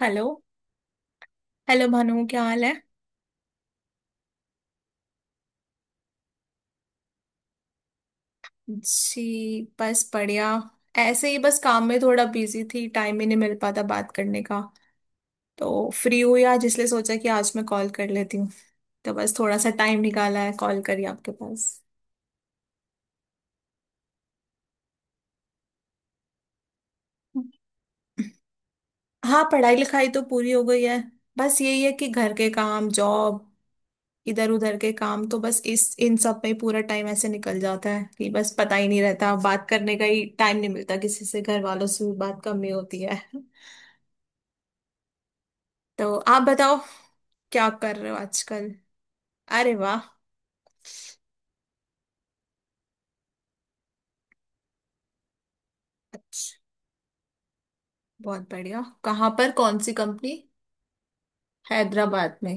Hello. Hello Bhanu, क्या हाल है? जी, बस बढ़िया। ऐसे ही बस काम में थोड़ा बिजी थी, टाइम ही नहीं मिल पाता बात करने का, तो फ्री हुई आज, इसलिए सोचा कि आज मैं कॉल कर लेती हूँ। तो बस थोड़ा सा टाइम निकाला है, कॉल करी आपके पास। हाँ, पढ़ाई लिखाई तो पूरी हो गई है। बस यही है कि घर के काम, जॉब, इधर उधर के काम, तो बस इस इन सब में ही पूरा टाइम ऐसे निकल जाता है कि बस पता ही नहीं रहता, बात करने का ही टाइम नहीं मिलता किसी से, घर वालों से भी बात कम ही होती है। तो आप बताओ, क्या कर रहे हो आजकल? अरे वाह! अच्छा, बहुत बढ़िया। कहाँ पर, कौन सी कंपनी? हैदराबाद में?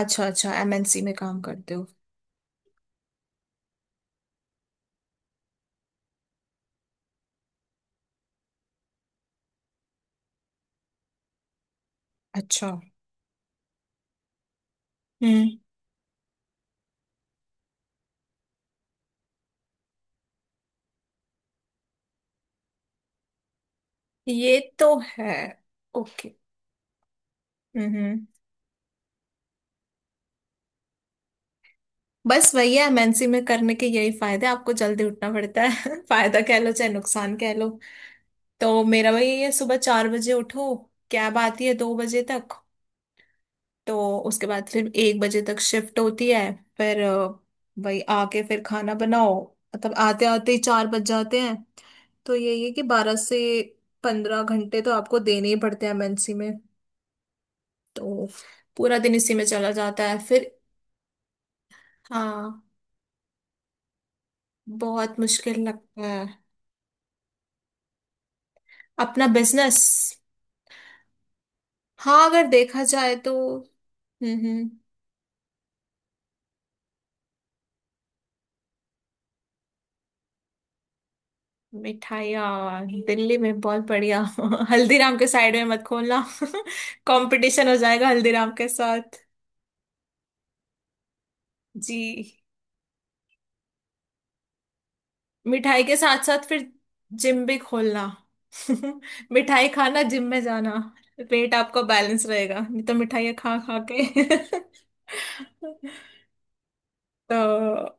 अच्छा अच्छा, एमएनसी में काम करते हो। अच्छा। हम्म। ये तो है। ओके। हम्म। बस वही है, एमएनसी में करने के यही फायदे हैं, आपको जल्दी उठना पड़ता है। फायदा कह लो चाहे नुकसान कह लो। तो मेरा वही है, सुबह 4 बजे उठो, कैब आती है 2 बजे तक, तो उसके बाद फिर 1 बजे तक शिफ्ट होती है। फिर वही आके फिर खाना बनाओ। मतलब आते आते ही 4 बज जाते हैं। तो यही है कि 12 से 15 घंटे तो आपको देने ही पड़ते हैं एमएनसी में, तो पूरा दिन इसी में चला जाता है फिर। हाँ। बहुत मुश्किल लगता है। अपना बिजनेस। हाँ, अगर देखा जाए तो। हम्म। मिठाइयाँ दिल्ली में बहुत बढ़िया। हल्दीराम के साइड में मत खोलना। कंपटीशन हो जाएगा हल्दीराम के साथ। जी। मिठाई के साथ साथ फिर जिम भी खोलना। मिठाई खाना, जिम में जाना, पेट आपका बैलेंस रहेगा, नहीं तो मिठाइयाँ खा खा के। तो।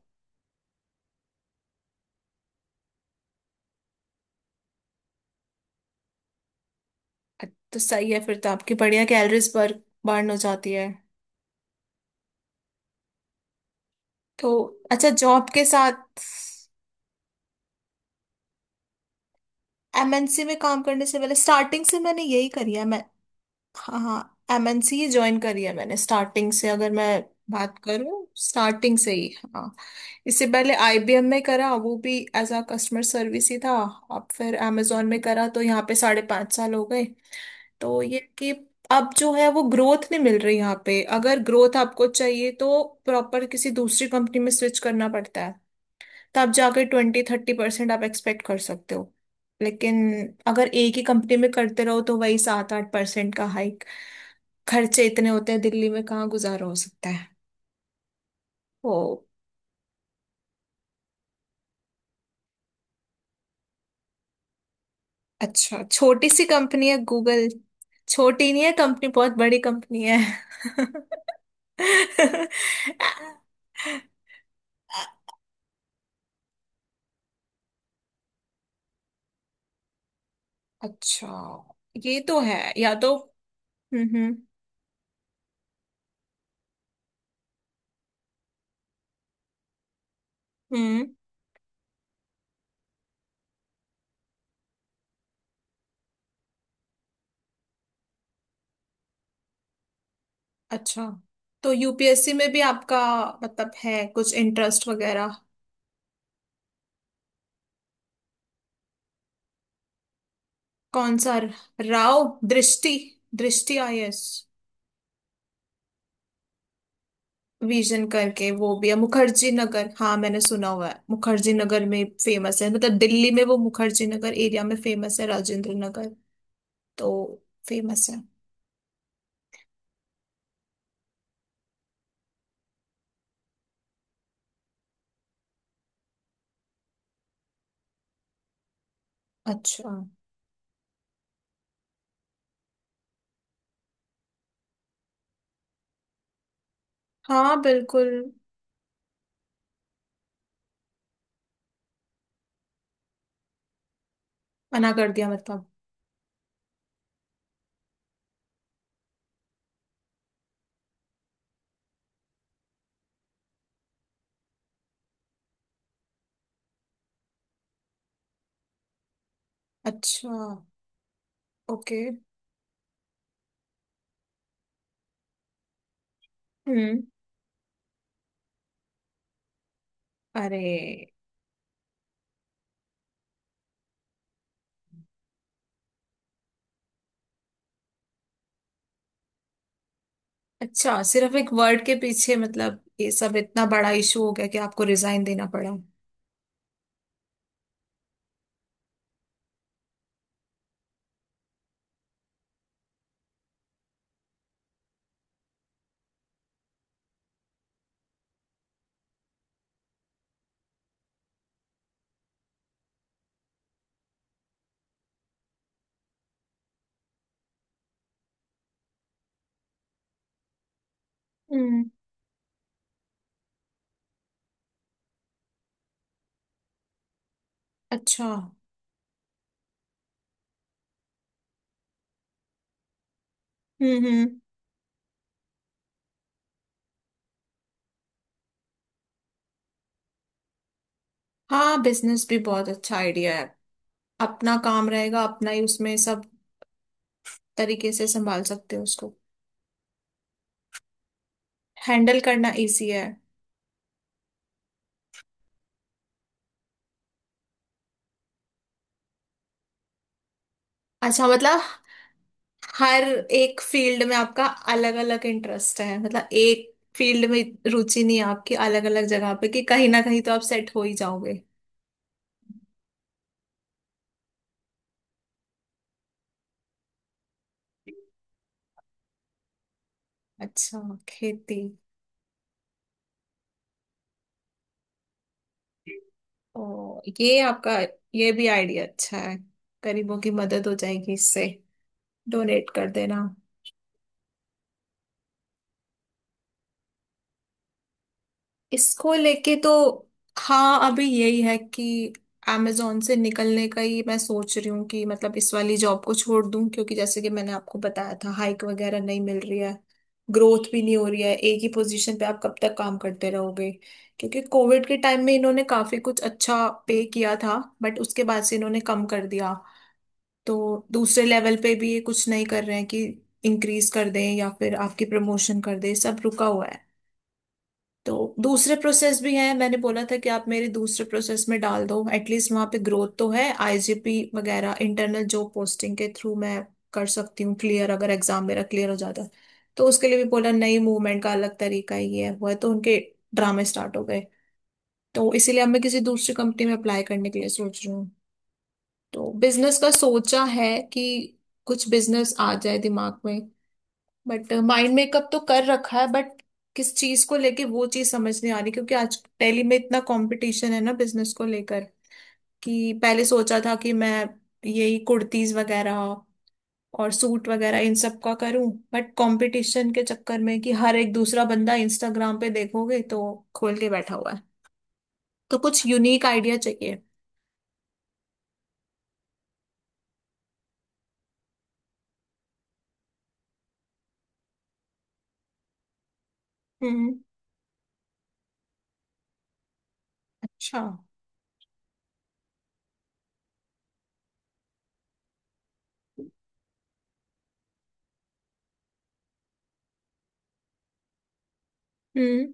तो सही है, फिर तो आपकी बढ़िया कैलोरीज बर्न बर्न हो जाती है। तो। अच्छा, जॉब के साथ एमएनसी में काम करने से पहले स्टार्टिंग से मैंने यही करी है। हाँ हाँ, एमएनसी ही ज्वाइन करी है मैंने स्टार्टिंग से, अगर मैं बात करूँ स्टार्टिंग से ही। हाँ। इससे पहले आईबीएम में करा, वो भी एज अ कस्टमर सर्विस ही था। अब फिर amazon में करा, तो यहाँ पे 5.5 साल हो गए। तो ये कि अब जो है वो ग्रोथ नहीं मिल रही यहाँ पे, अगर ग्रोथ आपको चाहिए तो प्रॉपर किसी दूसरी कंपनी में स्विच करना पड़ता है। तब जाके 20-30% आप एक्सपेक्ट कर सकते हो। लेकिन अगर एक ही कंपनी में करते रहो तो वही 7-8% का हाइक। खर्चे इतने होते हैं दिल्ली में, कहाँ गुजारा हो सकता है। ओ। अच्छा, छोटी सी कंपनी है गूगल? छोटी नहीं है कंपनी, बहुत बड़ी कंपनी है। अच्छा। ये तो है, या तो। हम्म हम्म हम्म, अच्छा, तो यूपीएससी में भी आपका मतलब है कुछ इंटरेस्ट वगैरह? कौन सा? राव? दृष्टि? दृष्टि आईएएस? विजन करके वो भी है मुखर्जी नगर, हाँ मैंने सुना हुआ है, मुखर्जी नगर में फेमस है, मतलब दिल्ली में वो मुखर्जी नगर एरिया में फेमस है, राजेंद्र नगर। तो फेमस है। अच्छा। हाँ, बिल्कुल। मना कर दिया मतलब? अच्छा। ओके। हम्म। अरे! अच्छा, सिर्फ एक वर्ड के पीछे मतलब ये सब इतना बड़ा इशू हो गया कि आपको रिजाइन देना पड़ा? हम्म। अच्छा। हम्म। हाँ, बिजनेस भी बहुत अच्छा आइडिया है। अपना काम रहेगा, अपना ही, उसमें सब तरीके से संभाल सकते हो उसको, हैंडल करना इजी है। अच्छा मतलब, हर एक फील्ड में आपका अलग अलग इंटरेस्ट है, मतलब एक फील्ड में रुचि नहीं है आपकी, अलग अलग जगह पे, कि कहीं ना कहीं तो आप सेट हो ही जाओगे। अच्छा। खेती? ओ ये आपका। ये भी आइडिया अच्छा है। गरीबों की मदद हो जाएगी इससे। डोनेट कर देना। इसको लेके तो। हाँ, अभी यही है कि amazon से निकलने का ही मैं सोच रही हूँ, कि मतलब इस वाली जॉब को छोड़ दूँ, क्योंकि जैसे कि मैंने आपको बताया था हाइक वगैरह नहीं मिल रही है। ग्रोथ भी नहीं हो रही है, एक ही पोजीशन पे आप कब तक काम करते रहोगे। क्योंकि कोविड के टाइम में इन्होंने काफी कुछ अच्छा पे किया था बट उसके बाद से इन्होंने कम कर दिया। तो दूसरे लेवल पे भी ये कुछ नहीं कर रहे हैं कि इंक्रीज कर दें या फिर आपकी प्रमोशन कर दें, सब रुका हुआ है। तो दूसरे प्रोसेस भी हैं, मैंने बोला था कि आप मेरे दूसरे प्रोसेस में डाल दो, एटलीस्ट वहां पे ग्रोथ तो है, आईजीपी वगैरह, इंटरनल जॉब पोस्टिंग के थ्रू मैं कर सकती हूँ। क्लियर, अगर एग्जाम मेरा क्लियर हो जाता है तो, उसके लिए भी बोला, नई मूवमेंट का अलग तरीका ही है, हुआ है, तो उनके ड्रामे स्टार्ट हो गए। तो इसीलिए अब मैं किसी दूसरी कंपनी में अप्लाई करने के लिए सोच रही हूँ। तो बिजनेस का सोचा है कि कुछ बिजनेस आ जाए दिमाग में, बट माइंड मेकअप तो कर रखा है, बट किस चीज को लेके वो चीज समझ नहीं आ रही, क्योंकि आज दिल्ली में इतना कंपटीशन है ना बिजनेस को लेकर, कि पहले सोचा था कि मैं यही कुर्तीज वगैरह और सूट वगैरह इन सब का करूं, बट कंपटीशन के चक्कर में, कि हर एक दूसरा बंदा इंस्टाग्राम पे देखोगे तो खोल के बैठा हुआ है, तो कुछ यूनिक आइडिया चाहिए। हम्म। अच्छा। हम्म।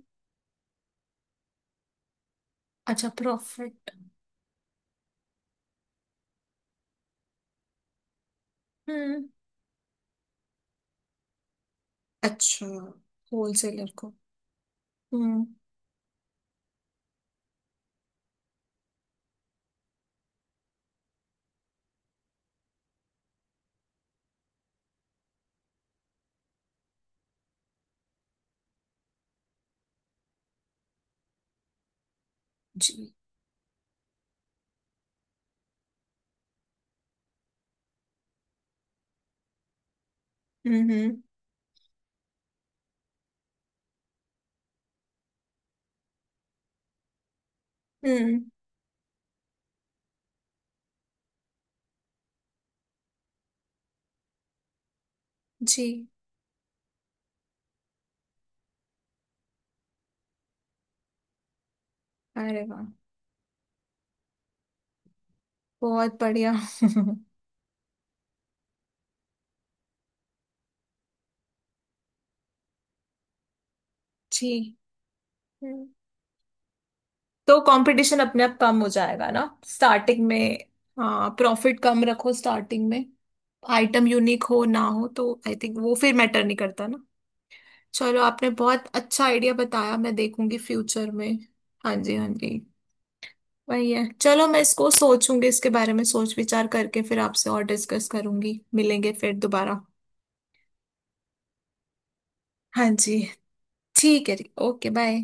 अच्छा, प्रॉफिट। हम्म। अच्छा। होलसेलर को। हम्म। जी। हम्म हम्म। जी। अरे वाह! बहुत बढ़िया। जी। हम्म। तो कंपटीशन अपने आप कम हो जाएगा ना। स्टार्टिंग में। हाँ, प्रॉफिट कम रखो स्टार्टिंग में। आइटम यूनिक हो ना हो तो आई थिंक वो फिर मैटर नहीं करता ना। चलो, आपने बहुत अच्छा आइडिया बताया, मैं देखूंगी फ्यूचर में। हाँ जी, हाँ जी। वही है, चलो मैं इसको सोचूंगी, इसके बारे में सोच विचार करके फिर आपसे और डिस्कस करूंगी, मिलेंगे फिर दोबारा। हाँ जी। ठीक है जी, ओके बाय।